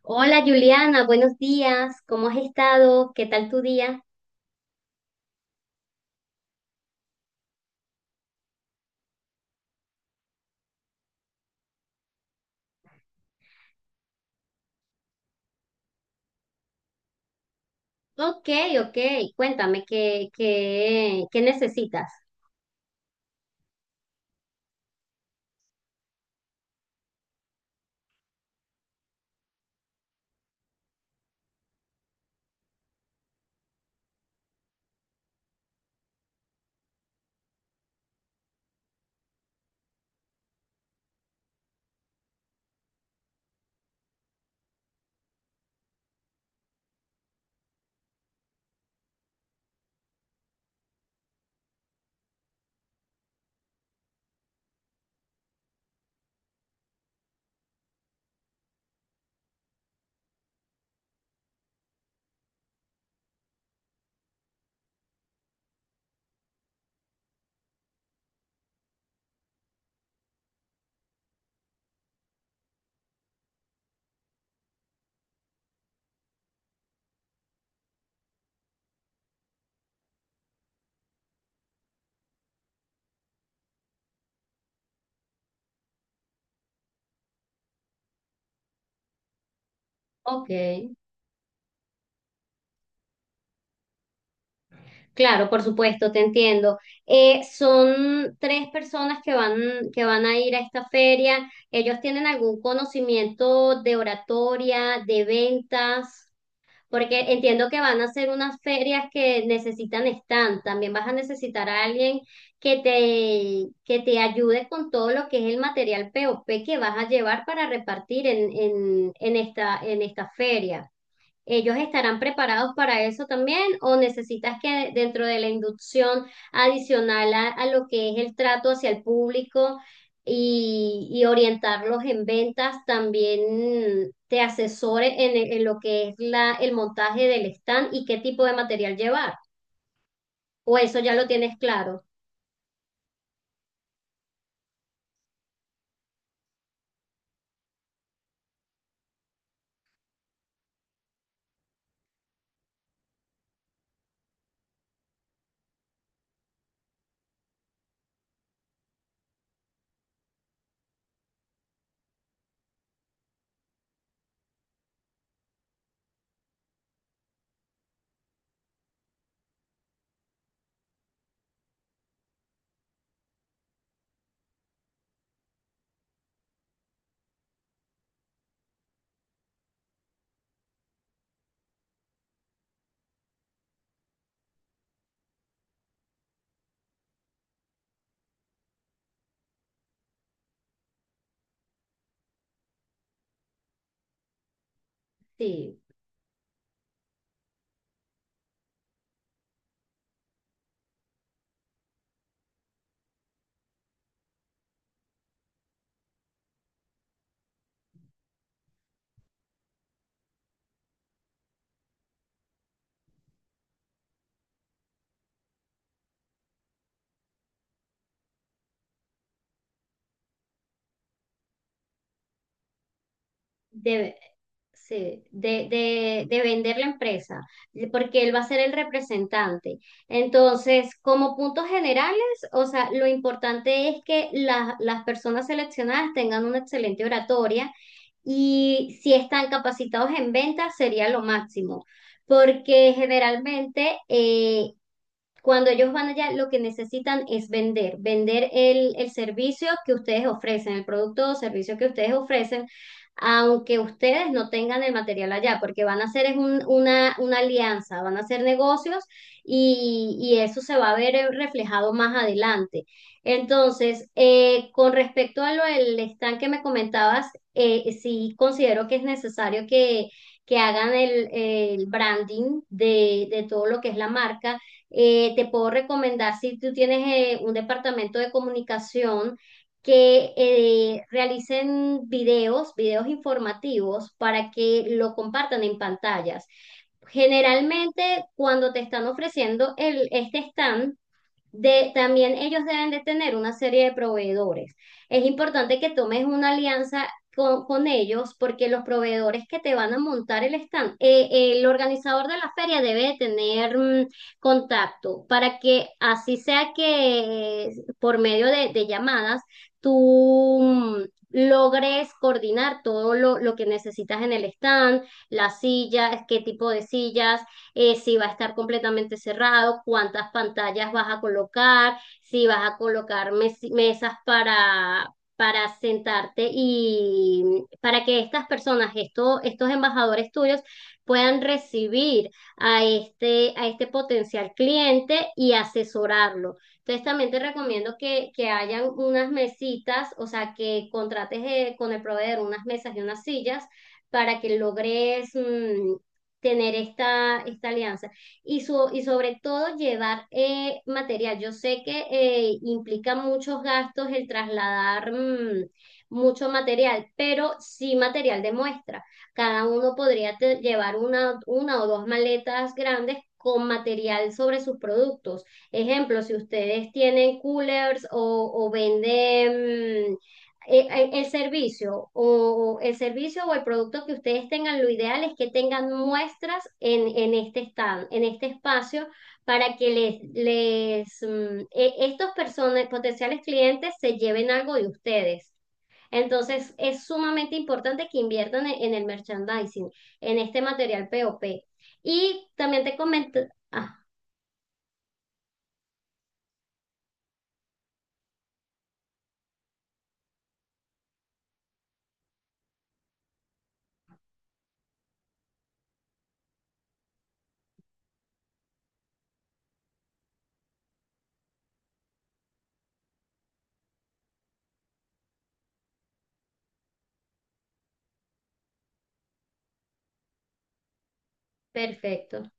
Hola Juliana, buenos días. ¿Cómo has estado? ¿Qué tal tu día? Ok, ok. Cuéntame, ¿qué necesitas? Ok. Claro, por supuesto, te entiendo. Son tres personas que van a ir a esta feria. ¿Ellos tienen algún conocimiento de oratoria, de ventas? Porque entiendo que van a ser unas ferias que necesitan stand, también vas a necesitar a alguien que te ayude con todo lo que es el material POP que vas a llevar para repartir en esta, en esta feria. ¿Ellos estarán preparados para eso también o necesitas que dentro de la inducción adicional a lo que es el trato hacia el público y orientarlos en ventas, también te asesore en lo que es la, el montaje del stand y qué tipo de material llevar? ¿O eso ya lo tienes claro? Sí. De, sí, de vender la empresa, porque él va a ser el representante. Entonces, como puntos generales, o sea, lo importante es que las personas seleccionadas tengan una excelente oratoria, y si están capacitados en ventas sería lo máximo. Porque generalmente cuando ellos van allá, lo que necesitan es vender, vender el servicio que ustedes ofrecen, el producto o servicio que ustedes ofrecen, aunque ustedes no tengan el material allá, porque van a hacer es una alianza, van a hacer negocios y eso se va a ver reflejado más adelante. Entonces, con respecto a lo del stand que me comentabas, sí considero que es necesario que hagan el branding de todo lo que es la marca. Te puedo recomendar si tú tienes un departamento de comunicación que realicen videos, videos informativos para que lo compartan en pantallas. Generalmente cuando te están ofreciendo el, este stand, de, también ellos deben de tener una serie de proveedores. Es importante que tomes una alianza con ellos porque los proveedores que te van a montar el stand, el organizador de la feria debe de tener contacto para que así sea que por medio de llamadas tú logres coordinar todo lo que necesitas en el stand, las sillas, qué tipo de sillas. Si va a estar completamente cerrado, cuántas pantallas vas a colocar, si vas a colocar mesas para sentarte y para que estas personas, estos embajadores tuyos, puedan recibir a este potencial cliente y asesorarlo. Entonces también te recomiendo que hayan unas mesitas, o sea, que contrates con el proveedor unas mesas y unas sillas para que logres, tener esta, esta alianza y, su, y sobre todo llevar material. Yo sé que implica muchos gastos el trasladar mucho material, pero sí material de muestra. Cada uno podría llevar una o dos maletas grandes con material sobre sus productos. Ejemplo, si ustedes tienen coolers o venden el servicio o el servicio o el producto que ustedes tengan, lo ideal es que tengan muestras en este stand, en este espacio, para que les estos personas, potenciales clientes se lleven algo de ustedes. Entonces, es sumamente importante que inviertan en el merchandising, en este material POP. Y también te comento, ah, perfecto.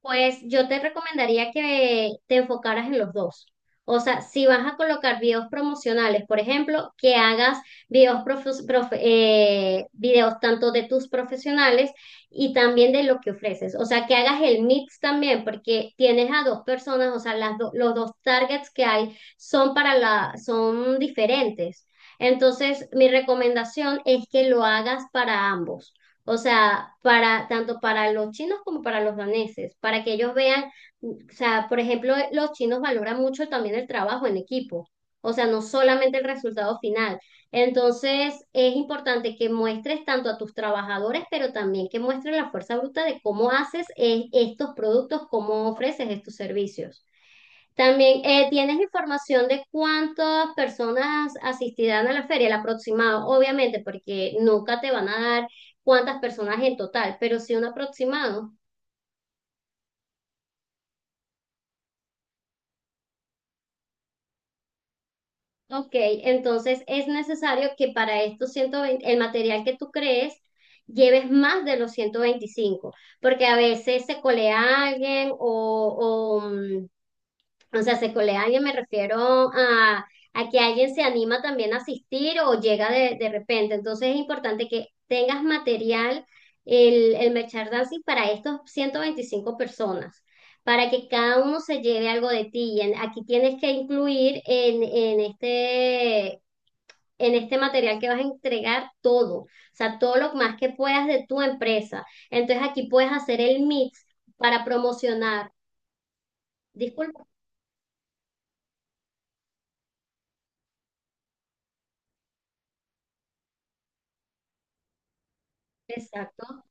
Pues yo te recomendaría que te enfocaras en los dos. O sea, si vas a colocar videos promocionales, por ejemplo, que hagas videos, videos tanto de tus profesionales y también de lo que ofreces. O sea, que hagas el mix también, porque tienes a dos personas, o sea, los dos targets que hay son para la, son diferentes. Entonces, mi recomendación es que lo hagas para ambos. O sea, para tanto para los chinos como para los daneses, para que ellos vean, o sea, por ejemplo, los chinos valoran mucho también el trabajo en equipo, o sea, no solamente el resultado final. Entonces, es importante que muestres tanto a tus trabajadores, pero también que muestres la fuerza bruta de cómo haces estos productos, cómo ofreces estos servicios. También, ¿tienes información de cuántas personas asistirán a la feria, el aproximado? Obviamente, porque nunca te van a dar cuántas personas en total, pero sí un aproximado. Ok, entonces es necesario que para estos 120, el material que tú crees, lleves más de los 125, porque a veces se colea alguien o sea, se colean y me refiero a que alguien se anima también a asistir o llega de repente. Entonces es importante que tengas material, el merchandising para estos 125 personas, para que cada uno se lleve algo de ti. Y aquí tienes que incluir en este material que vas a entregar todo, o sea, todo lo más que puedas de tu empresa. Entonces aquí puedes hacer el mix para promocionar. Disculpa, exacto.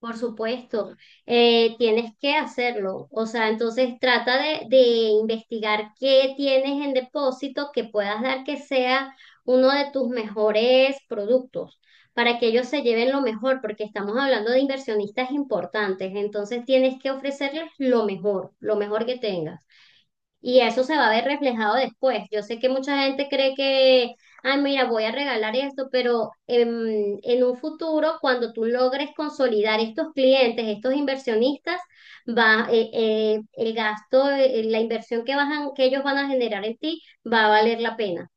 Por supuesto, tienes que hacerlo. O sea, entonces trata de investigar qué tienes en depósito que puedas dar que sea uno de tus mejores productos para que ellos se lleven lo mejor, porque estamos hablando de inversionistas importantes. Entonces tienes que ofrecerles lo mejor que tengas. Y eso se va a ver reflejado después. Yo sé que mucha gente cree que, ah, mira, voy a regalar esto, pero en, un futuro, cuando tú logres consolidar estos clientes, estos inversionistas, el gasto, la inversión que, que ellos van a generar en ti va a valer la pena.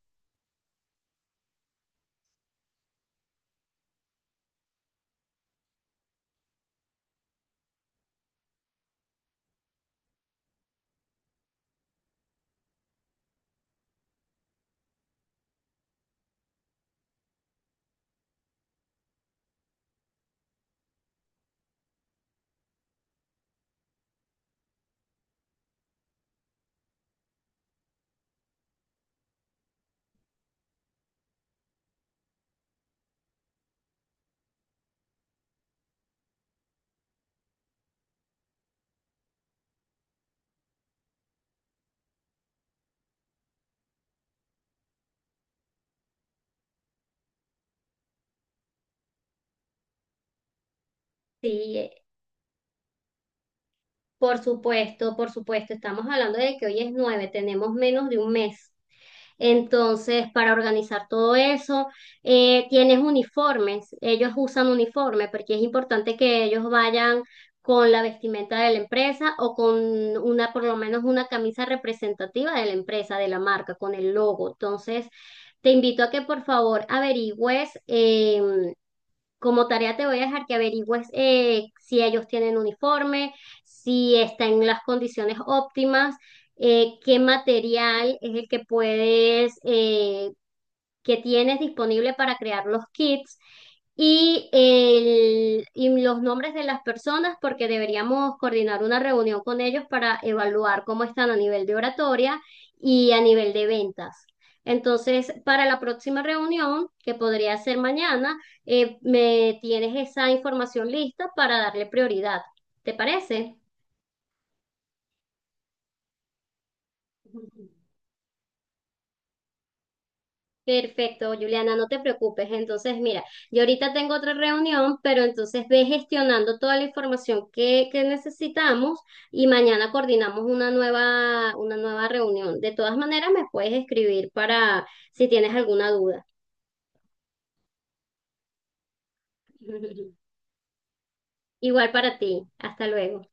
Sí, por supuesto, por supuesto. Estamos hablando de que hoy es nueve, tenemos menos de un mes. Entonces, para organizar todo eso, tienes uniformes, ellos usan uniforme porque es importante que ellos vayan con la vestimenta de la empresa o con una, por lo menos una camisa representativa de la empresa, de la marca, con el logo. Entonces, te invito a que por favor averigües. Como tarea te voy a dejar que averigües si ellos tienen uniforme, si está en las condiciones óptimas, qué material es el que puedes que tienes disponible para crear los kits y los nombres de las personas, porque deberíamos coordinar una reunión con ellos para evaluar cómo están a nivel de oratoria y a nivel de ventas. Entonces, para la próxima reunión, que podría ser mañana, me tienes esa información lista para darle prioridad. ¿Te parece? Perfecto, Juliana, no te preocupes. Entonces, mira, yo ahorita tengo otra reunión, pero entonces ve gestionando toda la información que necesitamos y mañana coordinamos una nueva reunión. De todas maneras, me puedes escribir para si tienes alguna duda. Igual para ti. Hasta luego.